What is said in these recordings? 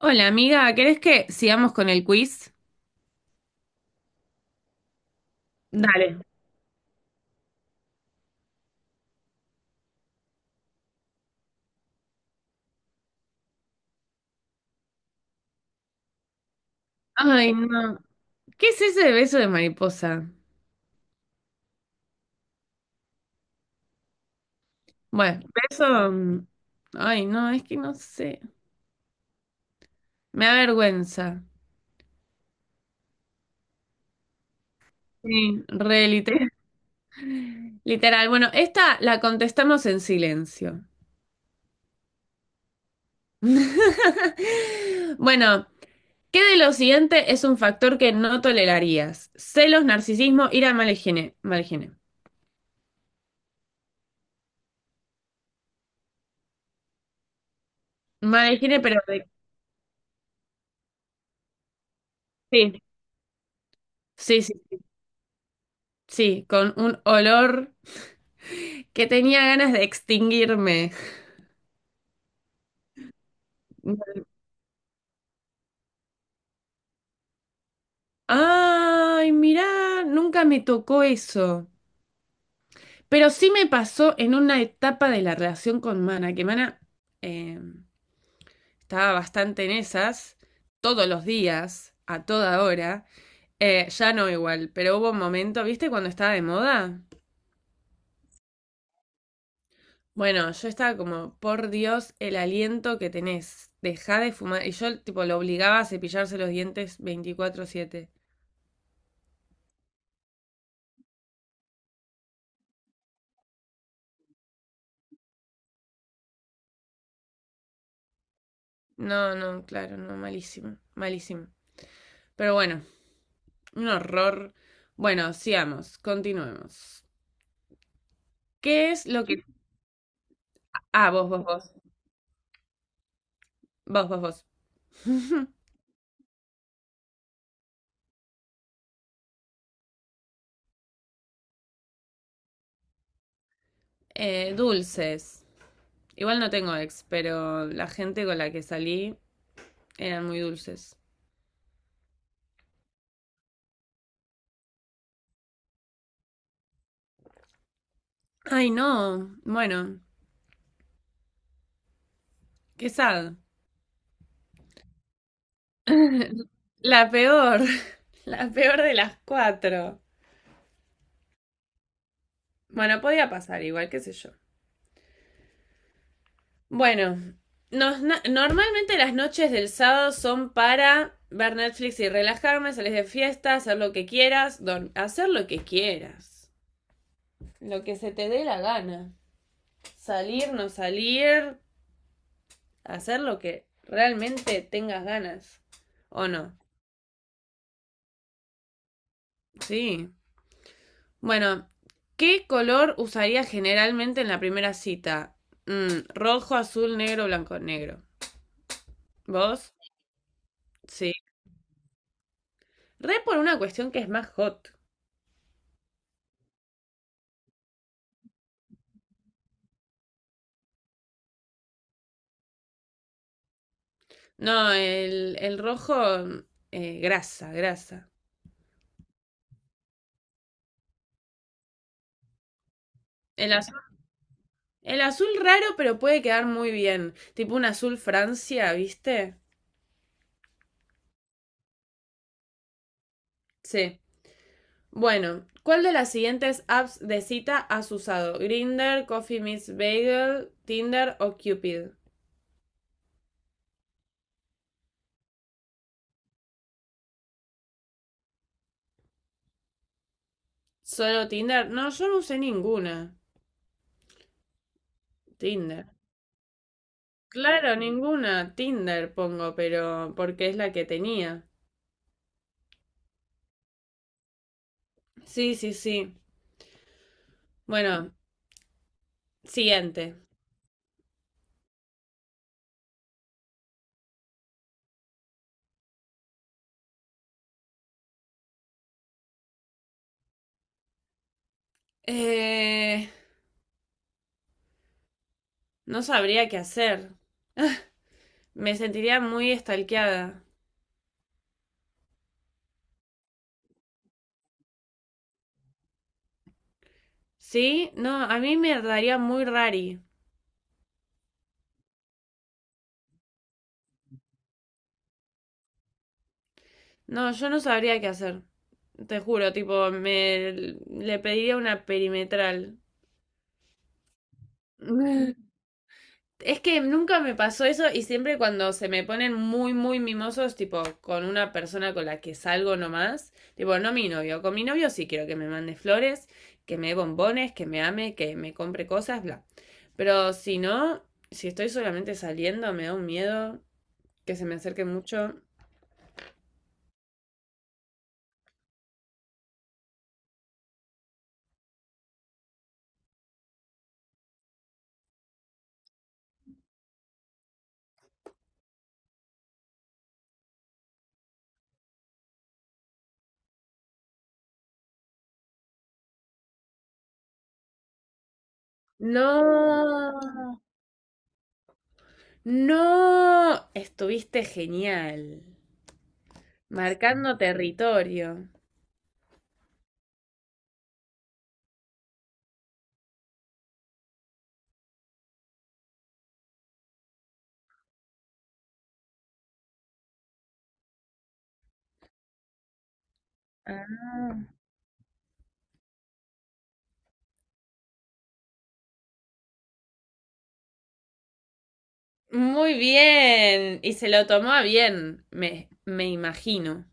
Hola amiga, ¿querés que sigamos con el quiz? Dale. Ay, no. ¿Qué es ese de beso de mariposa? Bueno, beso... mm, Ay, no, es que no sé. Me da vergüenza. Sí, re literal. Literal. Bueno, esta la contestamos en silencio. Bueno, ¿qué de lo siguiente es un factor que no tolerarías? Celos, narcisismo, ira, mala higiene. Mala higiene. Mala higiene, sí, sí, sí, sí, con un olor. Que tenía ganas de extinguirme. Ay, mirá, nunca me tocó eso. Pero sí me pasó en una etapa de la relación con Mana, que Mana eh, estaba bastante en esas, todos los días, a toda hora. Ya no igual, pero hubo un momento, ¿viste cuando estaba de moda? Bueno, yo estaba como, por Dios, el aliento que tenés, dejá de fumar. Y yo tipo lo obligaba a cepillarse los dientes 24/7. No, no, claro, no, malísimo, malísimo. Pero bueno, un horror. Bueno, sigamos, continuemos. ¿Qué es lo que... Ah, vos, vos, vos, vos, vos, vos. Dulces. Igual no tengo ex, pero la gente con la que salí eran muy dulces. Ay, no, bueno, qué sad. La peor, la peor de las cuatro. Bueno, podía pasar, igual, qué sé yo. Bueno, normalmente las noches del sábado son para ver Netflix y relajarme, salir de fiesta, hacer lo que quieras. Lo que se te dé la gana. Salir, no salir, hacer lo que realmente tengas ganas. ¿O no? Sí. Bueno, ¿qué color usarías generalmente en la primera cita? Rojo, azul, negro, blanco, negro. ¿Vos? Sí. Re por una cuestión que es más hot. No, el rojo, grasa, grasa. El azul, el azul raro, pero puede quedar muy bien. Tipo un azul Francia, ¿viste? Sí. Bueno, ¿cuál de las siguientes apps de cita has usado? Grinder, Coffee Miss Bagel, Tinder o Cupid? ¿Solo Tinder? No, yo no usé ninguna. Tinder. Claro, ninguna. Tinder pongo, pero porque es la que tenía. Sí, sí, sí. Bueno, siguiente. Eh, No sabría qué hacer. Me sentiría muy estalqueada. ¿Sí? No, a mí me daría muy rari. No, yo no sabría qué hacer. Te juro, tipo, me le pediría una perimetral. Es que nunca me pasó eso y siempre cuando se me ponen muy, muy mimosos, tipo con una persona con la que salgo nomás, tipo, no mi novio, con mi novio sí quiero que me mande flores, que me dé bombones, que me ame, que me compre cosas, bla. Pero si no, si estoy solamente saliendo, me da un miedo que se me acerque mucho. No, no, estuviste genial, marcando territorio. Ah. Muy bien. Y se lo tomó a bien, me imagino.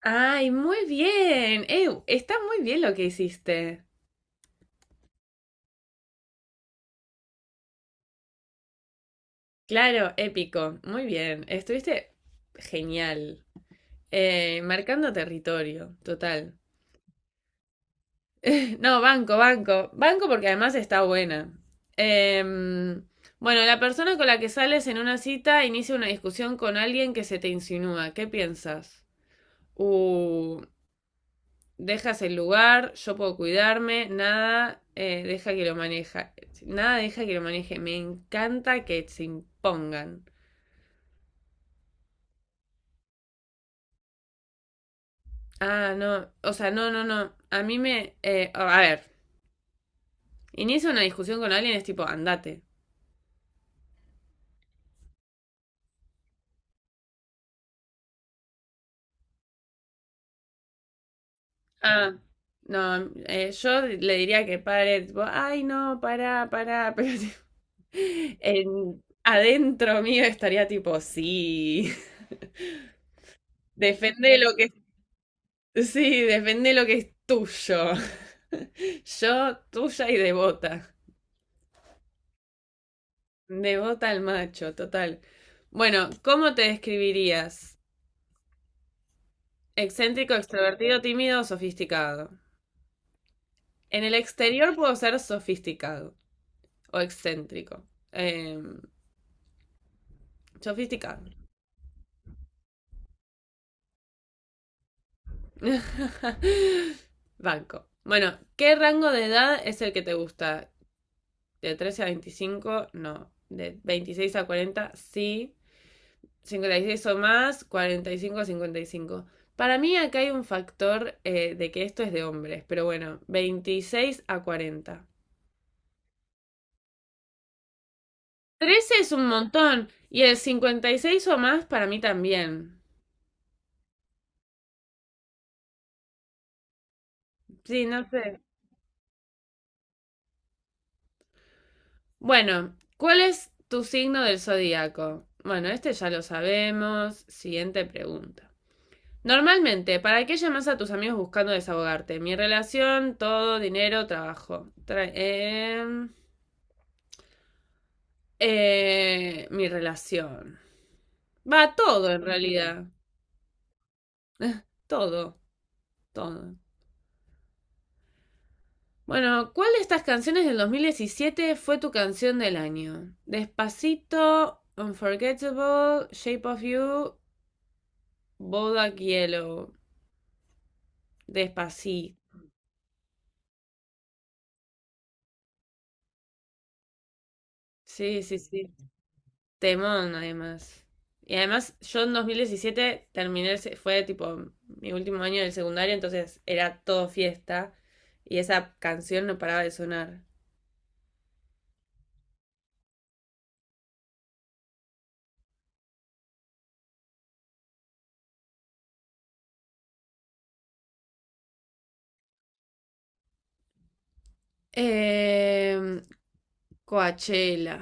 Ay, muy bien. Ew, está muy bien lo que hiciste. Claro, épico. Muy bien. Estuviste genial. Marcando territorio, total. No, banco, banco. Banco porque además está buena. Em, bueno, la persona con la que sales en una cita inicia una discusión con alguien que se te insinúa. ¿Qué piensas? Uh, dejas el lugar, yo puedo cuidarme, nada deja que lo maneje nada deja que lo maneje, me encanta que se impongan. Ah, no, o sea, no, no, no, a mí a ver, inicia una discusión con alguien es tipo, andate. Ah, no, yo le diría que pare, tipo, ay, no, para, pero tipo, adentro mío estaría tipo, sí, defende lo que sí, depende de lo que es tuyo. Yo, tuya y devota. Devota al macho, total. Bueno, ¿cómo te describirías? Excéntrico, extrovertido, tímido o sofisticado. En el exterior puedo ser sofisticado o excéntrico. Sofisticado. Banco. Bueno, ¿qué rango de edad es el que te gusta? ¿De 13 a 25? No. ¿De 26 a 40? Sí. 56 o más, 45 o 55. Para mí acá hay un factor de que esto es de hombres, pero bueno, 26 a 40. 13 es un montón y el 56 o más para mí también. Sí, no sé. Bueno, ¿cuál es tu signo del zodíaco? Bueno, este ya lo sabemos. Siguiente pregunta. Normalmente, ¿para qué llamas a tus amigos buscando desahogarte? Mi relación, todo, dinero, trabajo. Mi relación. Va todo en realidad. Todo, todo. Bueno, ¿cuál de estas canciones del 2017 fue tu canción del año? Despacito, Unforgettable, Shape of You, Bodak Yellow. Despacito. Sí, sí, sí. Temón, además. Y además, yo en 2017 terminé, fue tipo mi último año del secundario, entonces era todo fiesta. Y esa canción no paraba de sonar. Eh, Coachella.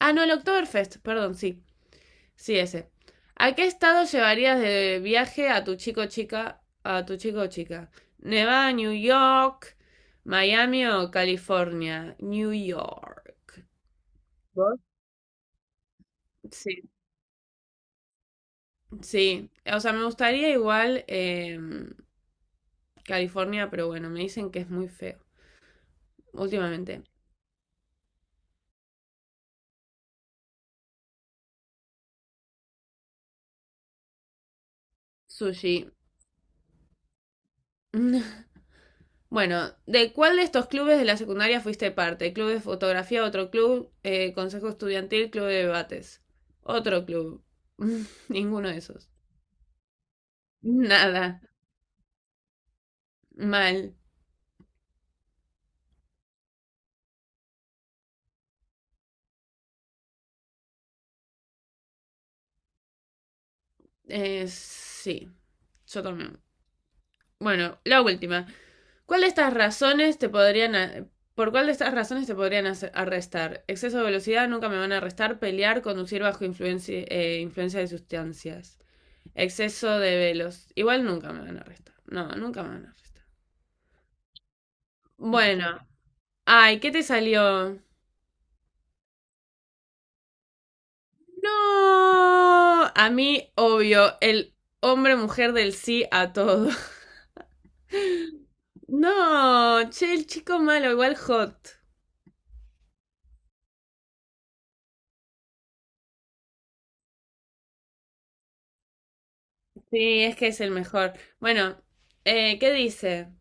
Ah, no, el Oktoberfest, perdón, sí. Sí, ese. ¿A qué estado llevarías de viaje a tu chico o chica, a tu chico o chica? Nevada, New York, Miami o California? New York. ¿Vos? Sí, sí. O sea, me gustaría igual California, pero bueno, me dicen que es muy feo últimamente. Sushi. Bueno, ¿de cuál de estos clubes de la secundaria fuiste parte? Club de fotografía, otro club, consejo estudiantil, club de debates. Otro club. Ninguno de esos. Nada. Mal. Sí, yo también. Bueno, la última. ¿Cuál de estas razones te podrían? ¿Por cuál de estas razones te podrían arrestar? Exceso de velocidad, nunca me van a arrestar. Pelear, conducir bajo influencia, influencia de sustancias. Exceso de velos. Igual nunca me van a arrestar. No, nunca me van a arrestar. Bueno, ay, ¿qué te salió? No, a mí, obvio, el hombre-mujer del sí a todo. No, che, el chico malo, igual hot. Sí, es que es el mejor. Bueno, ¿qué dice?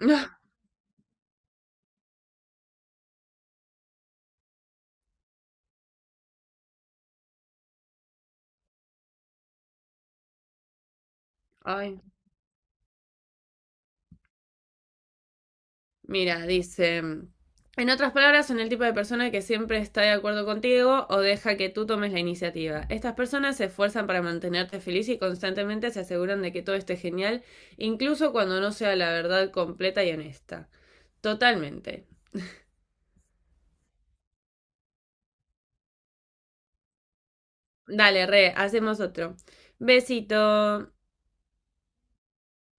Ay, mira, dice, en otras palabras, son el tipo de persona que siempre está de acuerdo contigo o deja que tú tomes la iniciativa. Estas personas se esfuerzan para mantenerte feliz y constantemente se aseguran de que todo esté genial, incluso cuando no sea la verdad completa y honesta. Totalmente. Dale, re, hacemos otro. Besito.